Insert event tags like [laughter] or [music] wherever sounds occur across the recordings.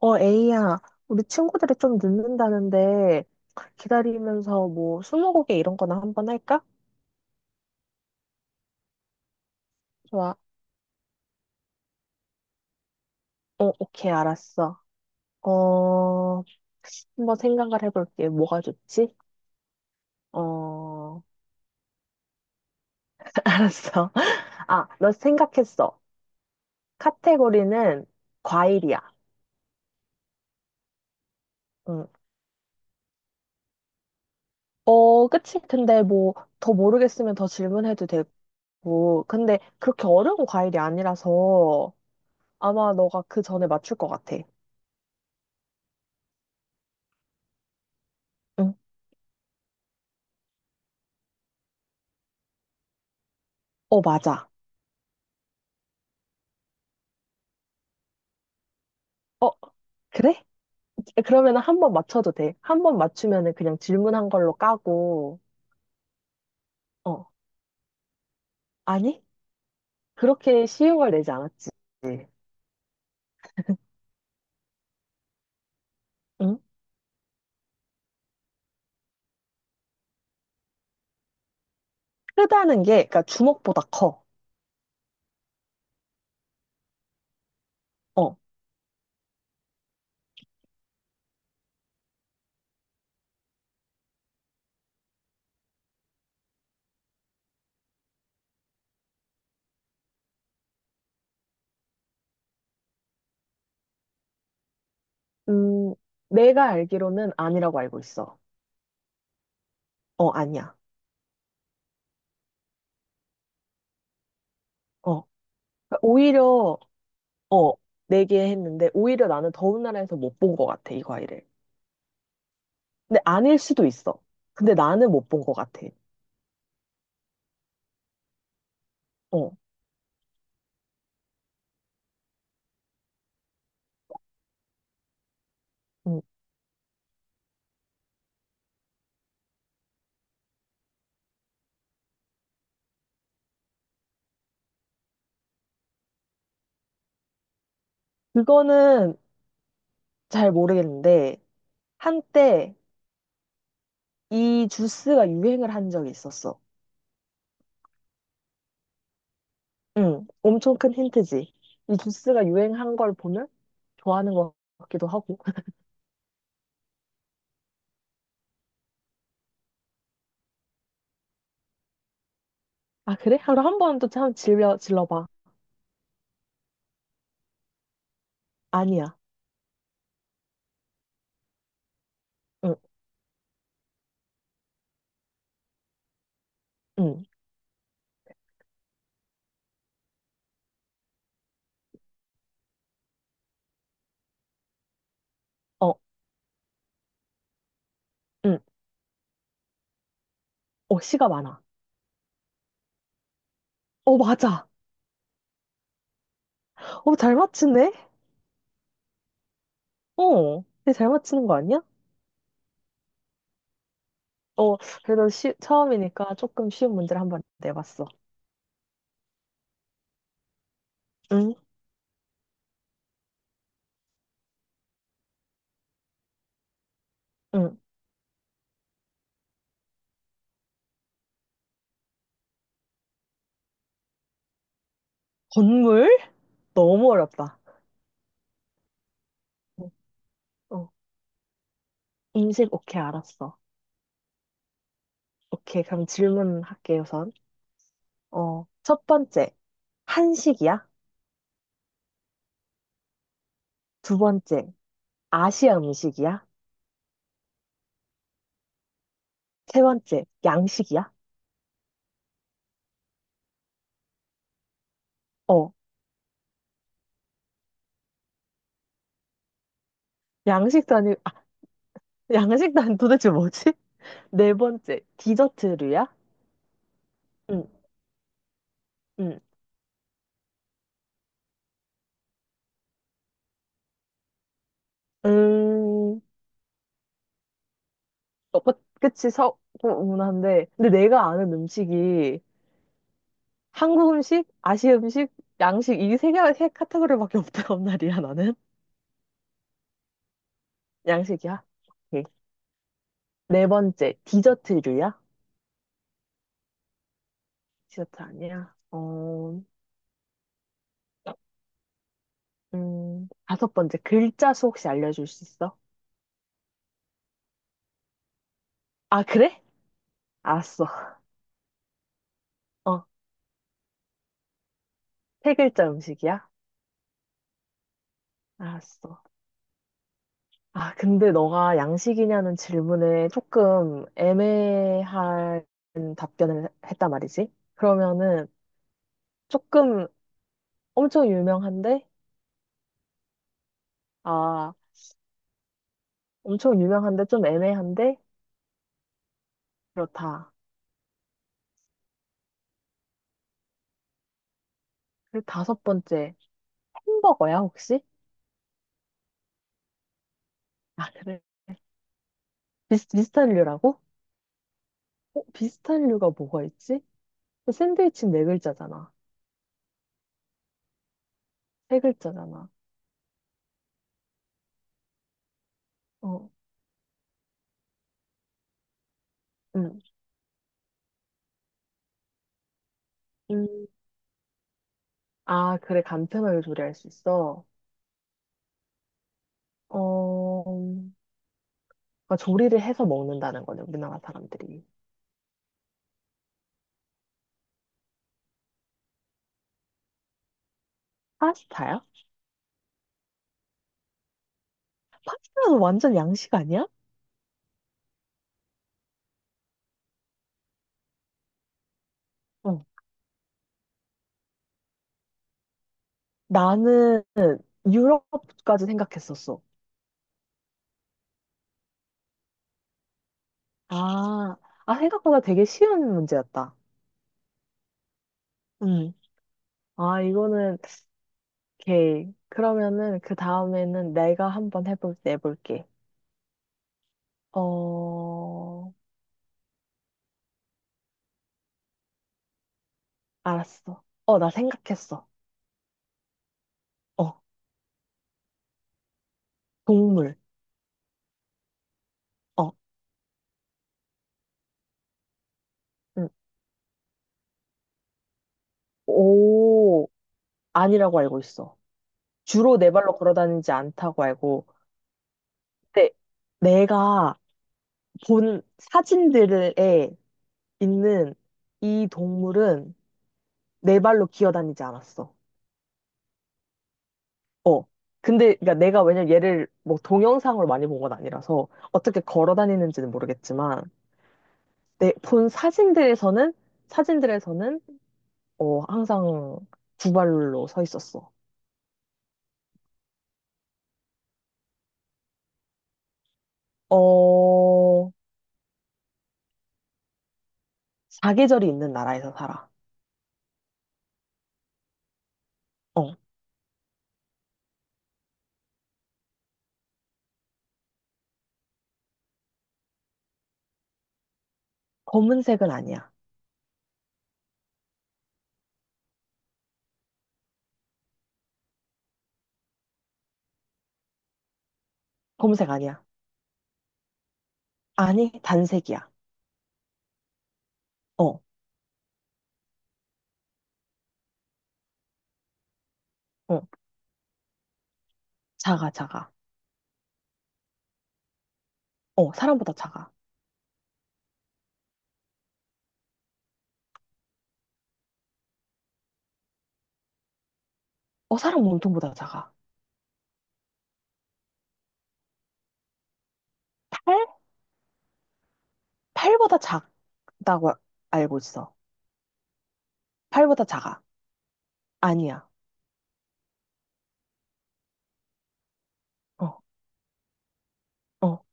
에이야, 우리 친구들이 좀 늦는다는데 기다리면서 뭐 스무고개 이런 거나 한번 할까? 좋아. 오케이, 알았어. 어, 한번 생각을 해볼게. 뭐가 좋지? 어, [laughs] 알았어. 아, 너 생각했어. 카테고리는 과일이야. 응. 어, 그치. 근데 뭐 더 모르겠으면 더 질문해도 되고. 근데 그렇게 어려운 과일이 아니라서 아마 너가 그 전에 맞출 것 같아. 응. 어, 맞아. 어, 그래? 그러면 한번 맞춰도 돼. 한 번 맞추면은 그냥 질문한 걸로 까고, 어, 아니? 그렇게 쉬운 걸 내지 않았지. 응? 크다는 게, 그러니까 주먹보다 커. 어, 음, 내가 알기로는 아니라고 알고 있어. 어, 아니야. 어, 그러니까 오히려, 어, 내게 했는데, 오히려 나는 더운 나라에서 못 본 것 같아, 이 과일을. 근데 아닐 수도 있어. 근데 나는 못 본 것 같아. 어, 음, 그거는 잘 모르겠는데, 한때, 이 주스가 유행을 한 적이 있었어. 응, 엄청 큰 힌트지. 이 주스가 유행한 걸 보면 좋아하는 것 같기도 하고. [laughs] 아, 그래? 그럼 한번 또 참 질러봐. 아니야. 응, 응, 어, 응. 어, 씨가 많아. 어, 맞아. 어, 잘 맞추네? 어, 근데 잘 맞추는 거 아니야? 어, 그래도 처음이니까 조금 쉬운 문제를 한번 내봤어. 응, 응. 건물? 너무 어렵다. 어, 어. 음식, 오케이, 알았어. 오케이, 그럼 질문할게, 우선. 어, 첫 번째, 한식이야? 두 번째, 아시아 음식이야? 세 번째, 양식이야? 어, 양식도 아니, 아, [laughs] 양식도 아니, 도대체 뭐지? [laughs] 네 번째, 디저트류야? 응, 응, 음, 어, 그- 그치, 서구문화인데. 근데 내가 아는 음식이 한국 음식, 아시아 음식, 양식, 이 세 개, 세 카테고리밖에 없단 말이야, [laughs] 나는. 양식이야? 오케이. 네 번째, 디저트류야? 디저트 아니야? 어, 다섯 번째, 글자 수 혹시 알려줄 수 있어? 아, 그래? 알았어. 어, 세 글자 음식이야? 알았어. 아, 근데 너가 양식이냐는 질문에 조금 애매한 답변을 했단 말이지? 그러면은 조금 엄청 유명한데? 아, 엄청 유명한데 좀 애매한데? 그렇다. 그리고 다섯 번째, 햄버거야, 혹시? 아, 그래. 비슷한 류라고? 어, 비슷한 류가 뭐가 있지? 샌드위치는 네 글자잖아. 세 글자잖아. 어, 응. 음. 아, 그래, 간편하게 조리할 수 있어. 어, 그러니까 조리를 해서 먹는다는 거네, 우리나라 사람들이. 파스타야? 파스타는 완전 양식 아니야? 어, 나는 유럽까지 생각했었어. 아, 아, 생각보다 되게 쉬운 문제였다. 음. 아, 이거는, 오케이. 그러면은, 그 다음에는 내가 한번 내볼게. 어, 알았어. 어, 나 생각했어. 어, 동물. 어. 음, 오, 아니라고 알고 있어. 주로 네 발로 걸어 다니지 않다고 알고. 근데 내가 본 사진들에 있는 이 동물은 네 발로 기어 다니지 않았어. 어. 근데 그러니까 내가 왜냐면 얘를 뭐 동영상으로 많이 본 건 아니라서 어떻게 걸어 다니는지는 모르겠지만 내 본 사진들에서는 사진들에서는 어 항상 두 발로 서 있었어. 어 사계절이 있는 나라에서 살아. 어. 검은색은 아니야. 검은색 아니야. 아니, 단색이야. 어, 어, 작아, 작아. 어, 사람보다 작아. 어, 사람 몸통보다 작아. 팔? 팔보다 작다고 알고 있어. 팔보다 작아. 아니야. 어, 어,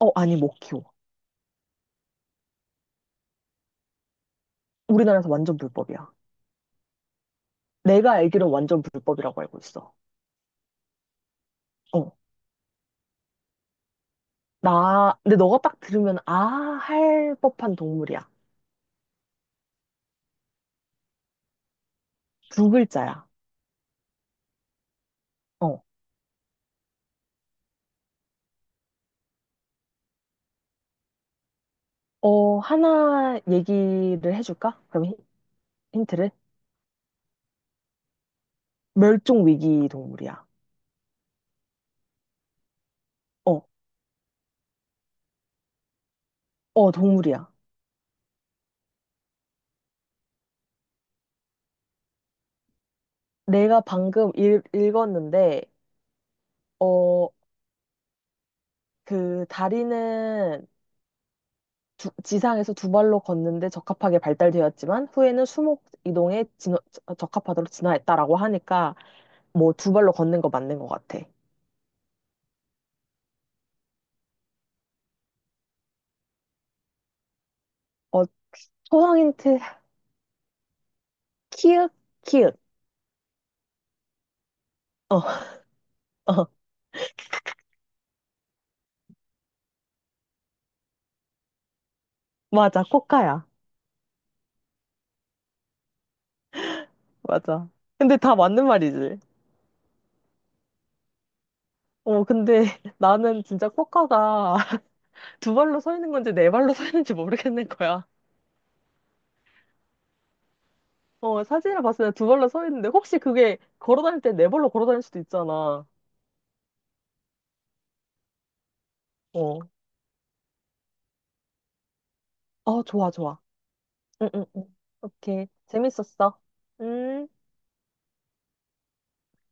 어, 아니, 못 키워. 우리나라에서 완전 불법이야. 내가 알기로는 완전 불법이라고 알고 있어. 어, 나, 근데 너가 딱 들으면, 아, 할 법한 동물이야. 두 글자야. 어, 어, 하나 얘기를 해줄까? 힌트를? 멸종 위기 동물이야. 어, 어, 동물이야. 내가 방금 읽었는데, 어, 그 다리는 지상에서 두 발로 걷는데 적합하게 발달되었지만, 후에는 수목 이동에 적합하도록 진화했다라고 하니까, 뭐 두 발로 걷는 거 맞는 것 같아. 어, 초성 힌트, 키읔, 키읔. 어, [laughs] 어, 맞아, 코카야. 맞아. 근데 다 맞는 말이지. 어, 근데 [laughs] 나는 진짜 코카가 두 발로 서 있는 건지 네 발로 서 있는지 모르겠는 거야. 어, 사진을 봤을 때 두 발로 서 있는데 혹시 그게 걸어 다닐 때 네 발로 걸어 다닐 수도 있잖아. 어. 아, 좋아, 좋아. 응, 응, 응. 오케이. 재밌었어. 음.